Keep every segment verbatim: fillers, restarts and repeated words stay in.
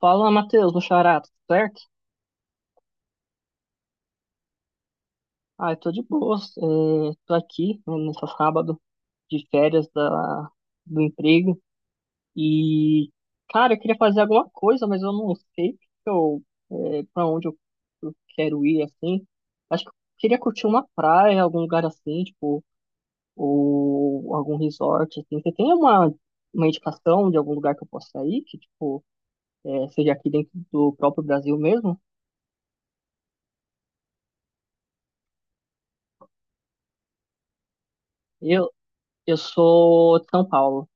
Fala, Matheus, meu xará, tudo certo? Ah, eu tô de boas, é, tô aqui, né, nessa sábado de férias da, do emprego e, cara, eu queria fazer alguma coisa, mas eu não sei o que eu, é, pra onde eu, eu quero ir, assim. Acho que eu queria curtir uma praia, algum lugar assim, tipo, ou algum resort, assim. Você tem uma, uma indicação de algum lugar que eu possa ir, que, tipo, é, seja aqui dentro do próprio Brasil mesmo? Eu, eu sou de São Paulo.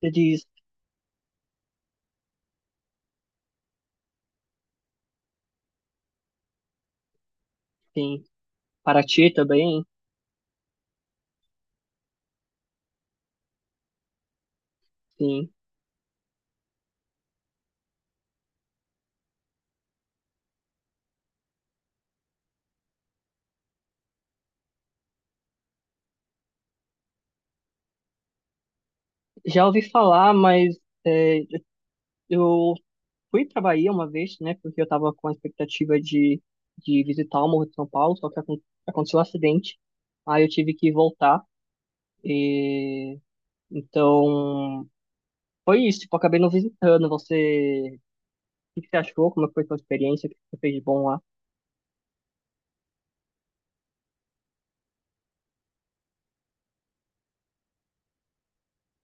Você diz sim. Paraty também, sim. Já ouvi falar, mas é, eu fui pra Bahia uma vez, né? Porque eu tava com a expectativa de, de visitar o Morro de São Paulo, só que acon- aconteceu um acidente. Aí eu tive que voltar. Então, foi isso. Tipo, eu acabei não visitando. Você, o que que você achou? Como foi a sua experiência? O que que você fez de bom lá?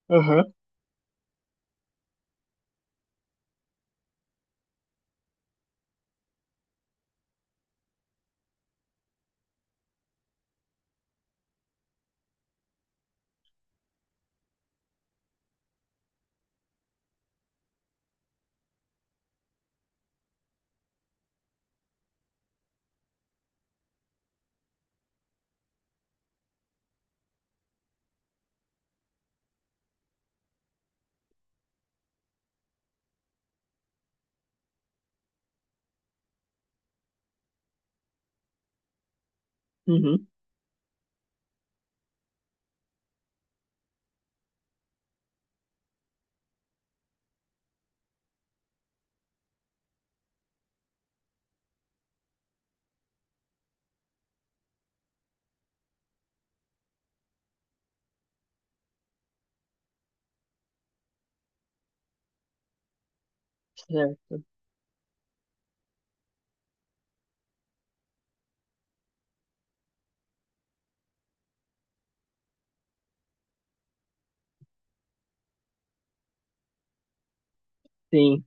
Aham. Uhum. Certo. Sim.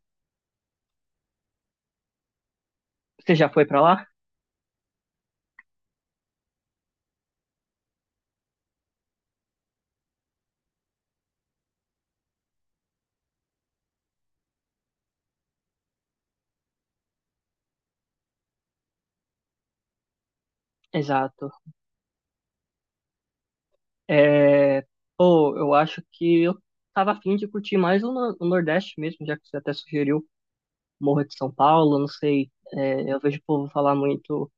Você já foi pra lá? Exato. É, pô, eu acho que eu tava afim de curtir mais o, no- o Nordeste mesmo, já que você até sugeriu Morro de São Paulo, não sei, é, eu vejo o povo falar muito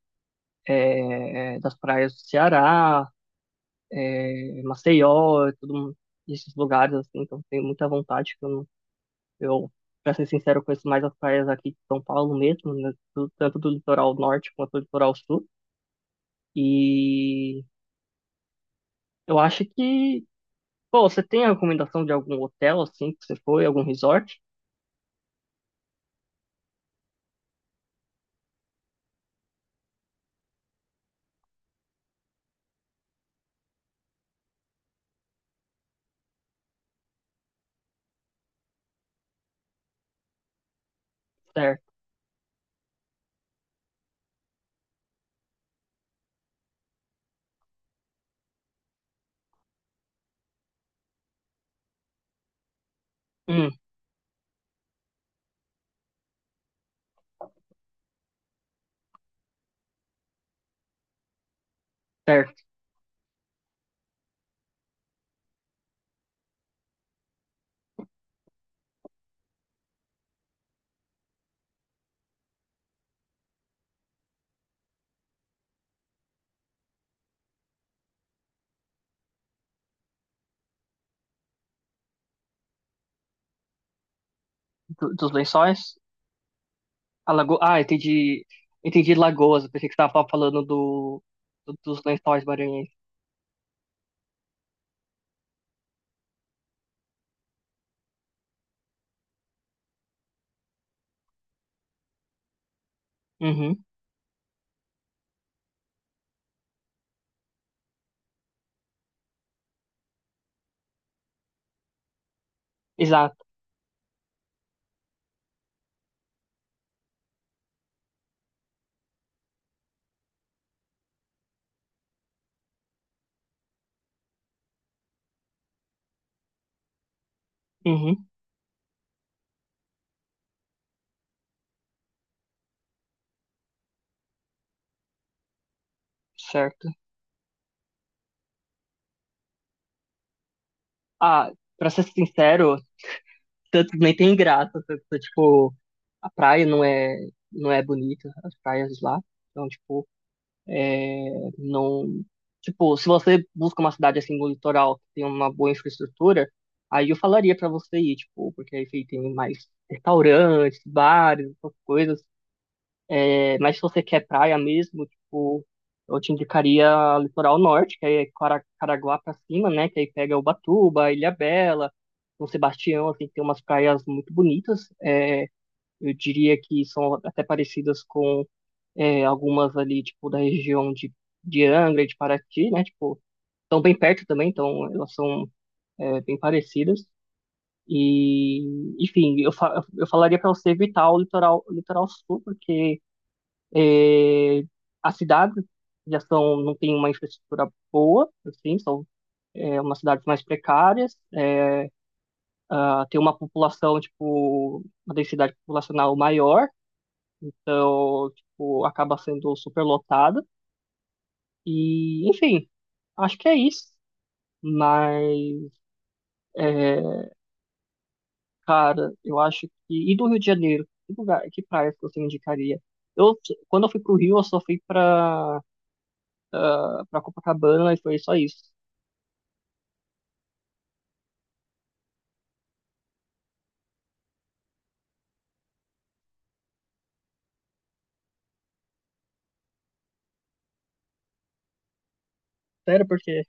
é, das praias do Ceará, é, Maceió, e tudo, esses lugares, assim, então tenho muita vontade, que eu, não- eu, pra ser sincero, conheço mais as praias aqui de São Paulo mesmo, né, do- tanto do litoral norte quanto do litoral sul, e eu acho que, pô, você tem a recomendação de algum hotel, assim, que você foi, algum resort? Certo. Hum, certo. Do- dos lençóis? A lago... Ah, entendi. Entendi Lagoas. Eu pensei que você estava falando do... do- dos lençóis maranhenses. Uhum, exato. Uhum, certo. Ah, pra ser sincero, tanto nem tem graça. Tanto, tipo, a praia não é, não é bonita, as praias lá. Então, tipo, não. Tipo, se você busca uma cidade assim no litoral que tem uma boa infraestrutura, aí eu falaria pra você ir, tipo, porque aí tem mais restaurantes, bares, essas coisas. É, mas se você quer praia mesmo, tipo, eu te indicaria litoral norte, que aí é Cara- Caraguá pra cima, né? Que aí pega Ubatuba, Ilhabela, São Sebastião, assim, tem umas praias muito bonitas. É, eu diria que são até parecidas com é, algumas ali, tipo, da região de, de Angra e de Paraty, né? Tipo, estão bem perto também, então elas são é, bem parecidas. E, enfim, eu, fa eu falaria pra você evitar o litoral, o litoral sul, porque as cidades já são, não tem uma infraestrutura boa, assim, são é, umas cidades mais precárias, é, ah, tem uma população, tipo, uma densidade populacional maior, então, tipo, acaba sendo superlotada. E, enfim, acho que é isso. Mas, é, cara, eu acho que. E do Rio de Janeiro? Que lugar, que praia que você indicaria? Eu, quando eu fui pro Rio, eu só fui pra, ah, pra Copacabana e foi só isso. Sério, porque.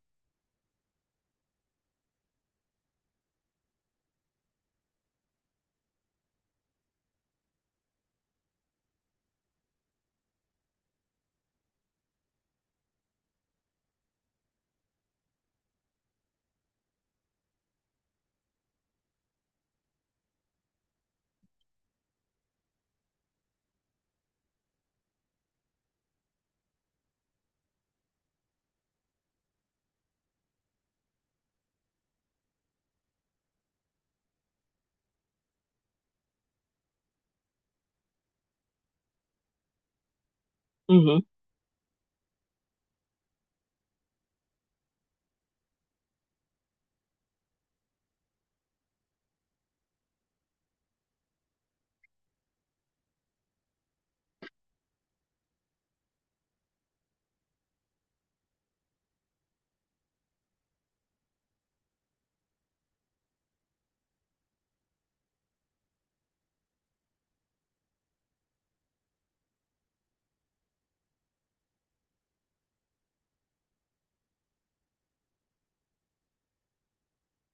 Uhum.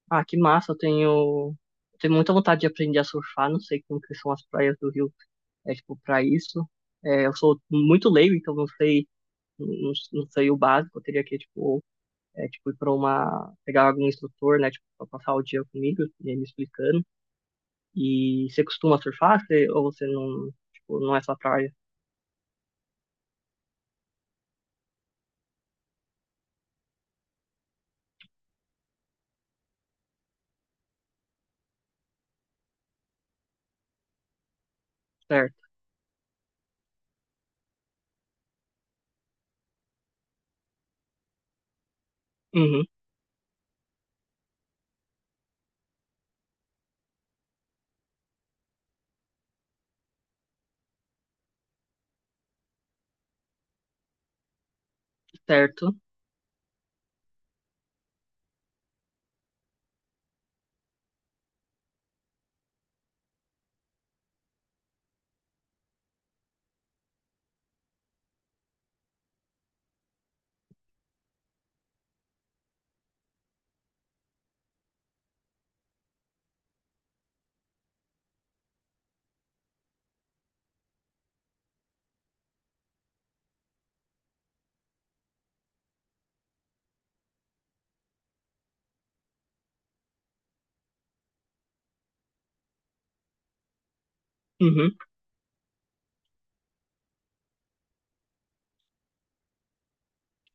Ah, que massa, eu tenho, tenho muita vontade de aprender a surfar, não sei como que são as praias do Rio, é tipo, para isso. É, eu sou muito leigo, então não sei, não, não sei o básico, eu teria que, tipo, é, tipo ir para uma, pegar algum instrutor, né, tipo, para passar o dia comigo, e ele me explicando. E você costuma surfar, você, ou você não, tipo, não é sua praia? Certo. Uhum, certo. Uhum.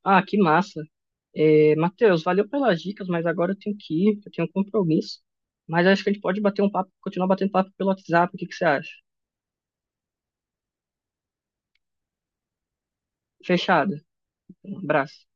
Ah, que massa. É, Matheus, valeu pelas dicas, mas agora eu tenho que ir, eu tenho um compromisso. Mas acho que a gente pode bater um papo, continuar batendo papo pelo WhatsApp, o que que você acha? Fechado. Um abraço.